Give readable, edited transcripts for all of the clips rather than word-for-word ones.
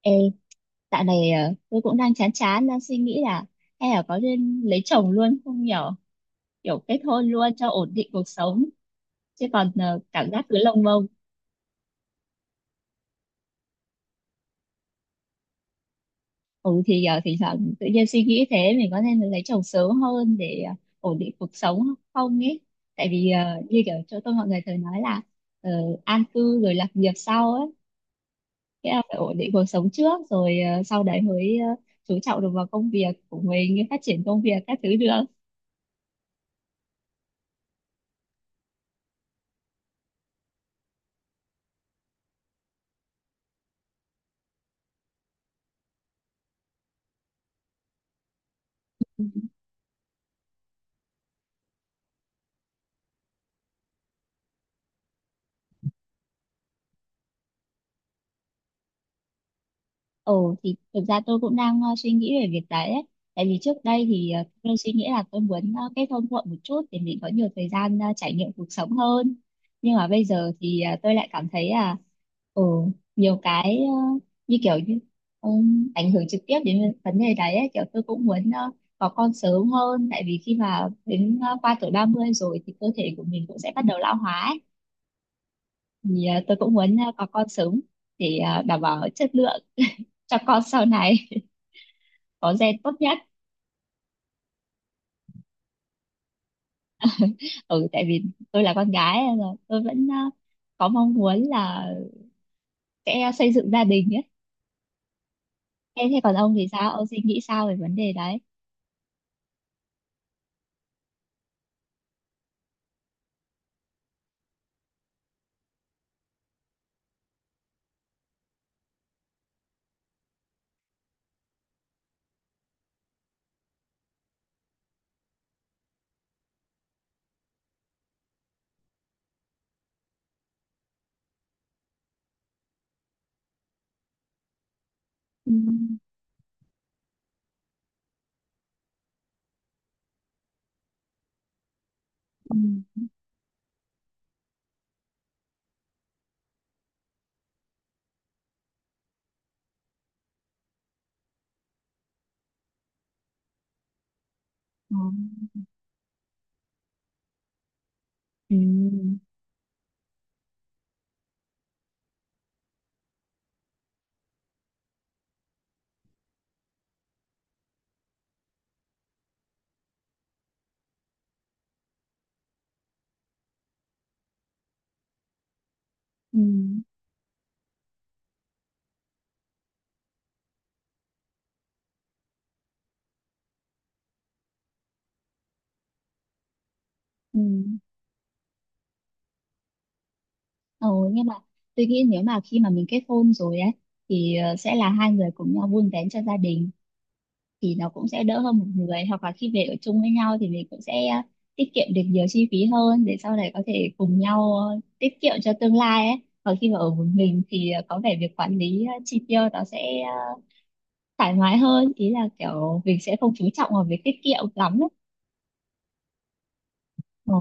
Ê, dạo này tôi cũng đang chán chán đang suy nghĩ là hay là có nên lấy chồng luôn không nhở, kiểu kết hôn luôn cho ổn định cuộc sống chứ còn cảm giác cứ lông bông. Ừ thì thỉnh thoảng tự nhiên suy nghĩ thế mình có nên lấy chồng sớm hơn để ổn định cuộc sống không ấy, tại vì như kiểu chỗ tôi mọi người thường nói là ờ, an cư rồi lập nghiệp sau ấy. Thế là phải ổn định cuộc sống trước rồi sau đấy mới chú trọng được vào công việc của mình, phát triển công việc các thứ được. Ồ thì thực ra tôi cũng đang suy nghĩ về việc đấy ấy. Tại vì trước đây thì tôi suy nghĩ là tôi muốn kết hôn muộn một chút để mình có nhiều thời gian trải nghiệm cuộc sống hơn. Nhưng mà bây giờ thì tôi lại cảm thấy là ừ, nhiều cái như kiểu như ảnh hưởng trực tiếp đến vấn đề đấy ấy. Kiểu tôi cũng muốn có con sớm hơn, tại vì khi mà đến qua tuổi 30 rồi thì cơ thể của mình cũng sẽ bắt đầu lão hóa ấy. Thì tôi cũng muốn có con sớm để đảm bảo chất lượng cho con sau này, có gen tốt nhất. Ừ, tại vì tôi là con gái nên là tôi vẫn có mong muốn là sẽ xây dựng gia đình ấy. Thế còn ông thì sao, ông suy nghĩ sao về vấn đề đấy? Ừ. Ừ. Ừ. Ừ. Ừ. Ừ. Ừ. Nhưng mà tôi nghĩ nếu mà khi mà mình kết hôn rồi ấy thì sẽ là hai người cùng nhau vun vén cho gia đình thì nó cũng sẽ đỡ hơn một người, hoặc là khi về ở chung với nhau thì mình cũng sẽ tiết kiệm được nhiều chi phí hơn để sau này có thể cùng nhau tiết kiệm cho tương lai ấy. Còn khi mà ở một mình thì có vẻ việc quản lý chi tiêu nó sẽ thoải mái hơn, ý là kiểu mình sẽ không chú trọng vào việc tiết kiệm lắm ấy. Ờ.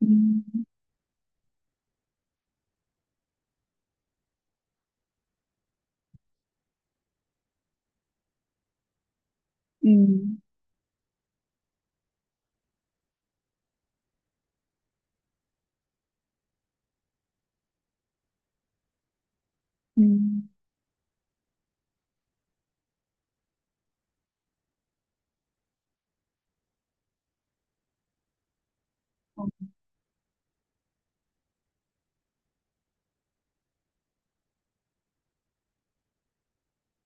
Ừ. Ừ. Ừ.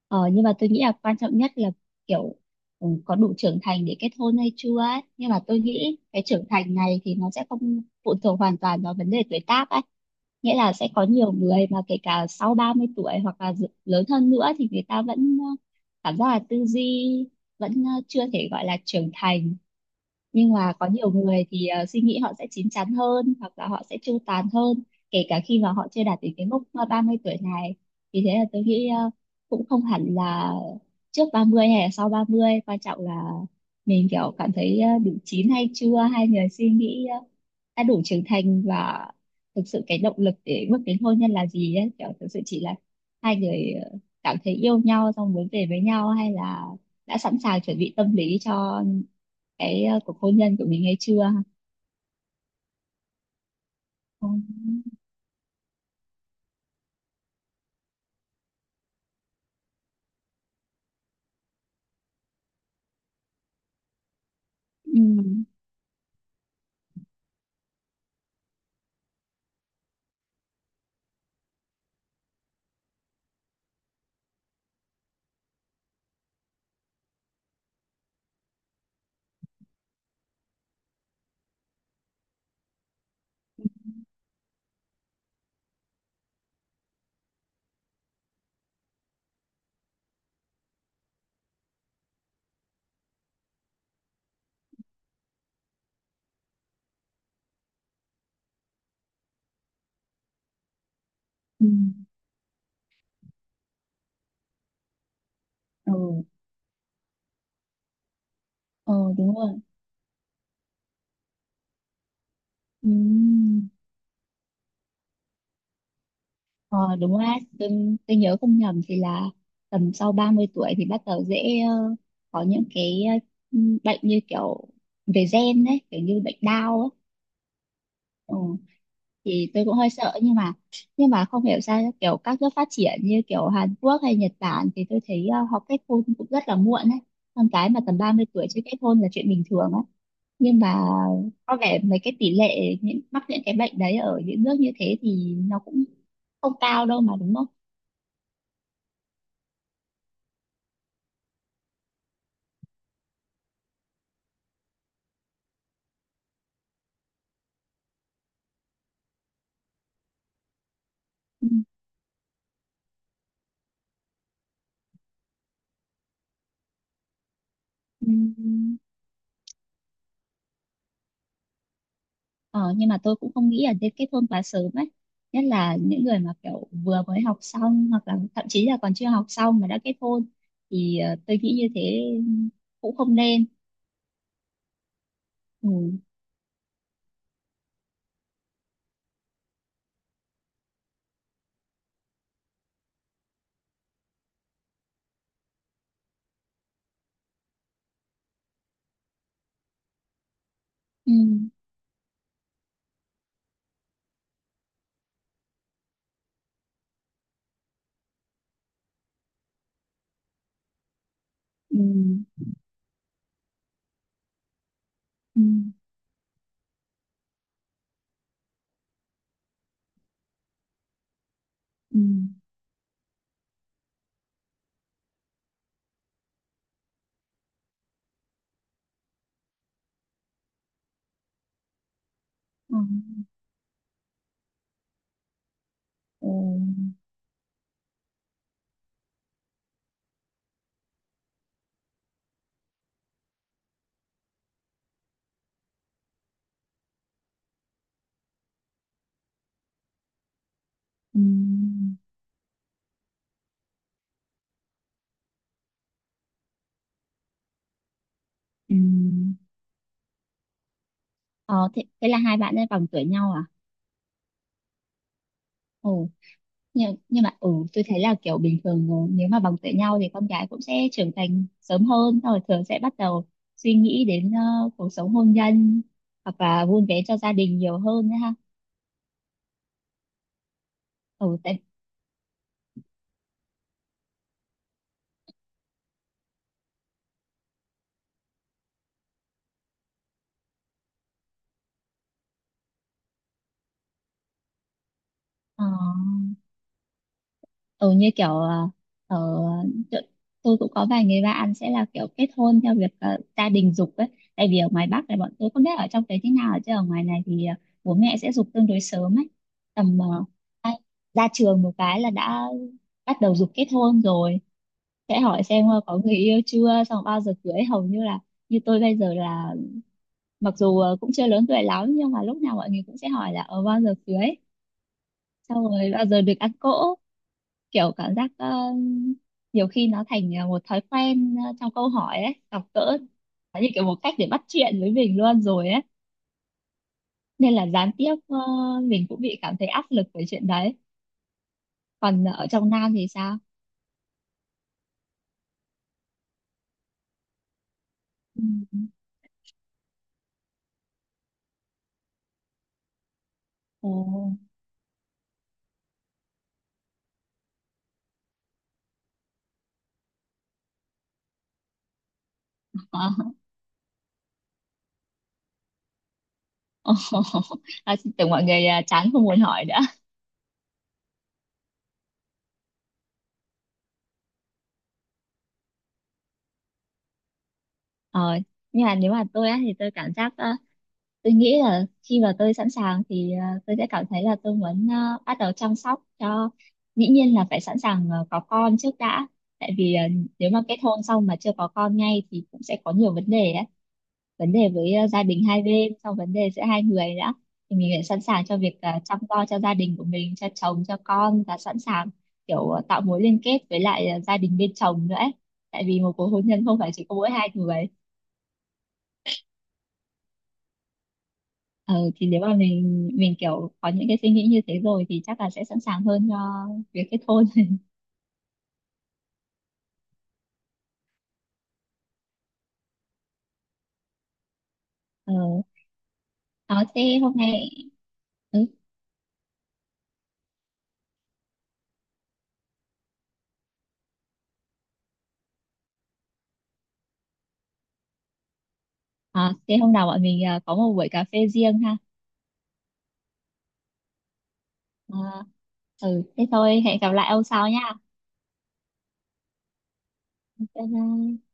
Ờ, nhưng mà tôi nghĩ là quan trọng nhất là kiểu có đủ trưởng thành để kết hôn hay chưa ấy. Nhưng mà tôi nghĩ cái trưởng thành này thì nó sẽ không phụ thuộc hoàn toàn vào vấn đề tuổi tác ấy. Nghĩa là sẽ có nhiều người mà kể cả sau 30 tuổi hoặc là lớn hơn nữa thì người ta vẫn cảm giác là tư duy vẫn chưa thể gọi là trưởng thành. Nhưng mà có nhiều người thì suy nghĩ họ sẽ chín chắn hơn hoặc là họ sẽ chu toàn hơn kể cả khi mà họ chưa đạt đến cái mốc 30 tuổi này. Vì thế là tôi nghĩ cũng không hẳn là trước 30 hay là sau 30, quan trọng là mình kiểu cảm thấy đủ chín hay chưa, hay người suy nghĩ đã đủ trưởng thành, và thực sự cái động lực để bước đến hôn nhân là gì ấy, kiểu thực sự chỉ là hai người cảm thấy yêu nhau xong muốn về với nhau, hay là đã sẵn sàng chuẩn bị tâm lý cho cái cuộc hôn nhân của mình hay chưa. Ừ. Ừ. Ừ. Ừ. Ờ, đúng rồi. Ừ. Ờ, đúng rồi. Tôi, tôi nhớ không nhầm thì là tầm sau 30 tuổi thì bắt đầu dễ có những cái ờ, bệnh như kiểu về gen đấy, kiểu như bệnh đau ấy. Ừ. Thì tôi cũng hơi sợ, nhưng mà không hiểu sao kiểu các nước phát triển như kiểu Hàn Quốc hay Nhật Bản thì tôi thấy họ kết hôn cũng rất là muộn ấy, con cái mà tầm 30 tuổi chưa kết hôn là chuyện bình thường. Nhưng mà có vẻ mấy cái tỷ lệ những mắc những cái bệnh đấy ở những nước như thế thì nó cũng không cao đâu mà, đúng không? Ừ. Ừ. Ờ, nhưng mà tôi cũng không nghĩ là nên kết hôn quá sớm ấy, nhất là những người mà kiểu vừa mới học xong hoặc là thậm chí là còn chưa học xong mà đã kết hôn thì tôi nghĩ như thế cũng không nên. Ừ. Ừ. Ừ. Ừ. Ừ. Ừ. Ừ. Ừ. Ừ. Ờ, thế là hai bạn ấy bằng tuổi nhau à? Ồ, nhưng mà tôi thấy là kiểu bình thường nếu mà bằng tuổi nhau thì con gái cũng sẽ trưởng thành sớm hơn, xong rồi thường sẽ bắt đầu suy nghĩ đến cuộc sống hôn nhân hoặc là vun vén cho gia đình nhiều hơn nữa ha. Ừ. Tại. Ờ. Ừ. Như kiểu ở chỗ- tôi cũng có vài người bạn sẽ là kiểu kết hôn theo việc gia đình giục ấy. Tại vì ở ngoài Bắc này bọn tôi không biết ở trong đấy thế nào, chứ ở ngoài này thì bố mẹ sẽ giục tương đối sớm ấy, tầm ai- ra trường một cái là đã bắt đầu giục kết hôn rồi, sẽ hỏi xem có người yêu chưa, xong bao giờ cưới, hầu như là như tôi bây giờ là, mặc dù cũng chưa lớn tuổi lắm nhưng mà lúc nào mọi người cũng sẽ hỏi là ở bao giờ cưới, xong rồi bao giờ được ăn cỗ, kiểu cảm giác nhiều khi nó thành một thói quen trong câu hỏi ấy gặp gỡ, nó như kiểu một cách để bắt chuyện với mình luôn rồi ấy, nên là gián tiếp mình cũng bị cảm thấy áp lực về chuyện đấy. Còn ở trong Nam thì sao? Ừ. Ồ. Ờ. Ồ. À, tưởng mọi người chán không muốn hỏi nữa. ờ, nhưng mà nếu mà tôi á, thì tôi cảm giác tôi nghĩ là khi mà tôi sẵn sàng thì tôi sẽ cảm thấy là tôi muốn bắt đầu chăm sóc cho, dĩ nhiên là phải sẵn sàng có con trước đã, tại vì nếu mà kết hôn xong mà chưa có con ngay thì cũng sẽ có nhiều vấn đề đấy, vấn đề với gia đình hai bên, xong vấn đề giữa hai người nữa. Thì mình phải sẵn sàng cho việc chăm lo cho gia đình của mình, cho chồng cho con, và sẵn sàng kiểu tạo mối liên kết với lại gia đình bên chồng nữa ấy. Tại vì một cuộc hôn nhân không phải chỉ có mỗi hai người. Ờ, thì nếu mà mình kiểu có những cái suy nghĩ như thế rồi thì chắc là sẽ sẵn sàng hơn cho việc kết hôn. Ờ, đó, thế hôm nay, ừ, à, thế hôm nào bọn mình có một buổi cà phê riêng ha. À, ừ, thế thôi, hẹn gặp lại ông sau nha. Bye bye.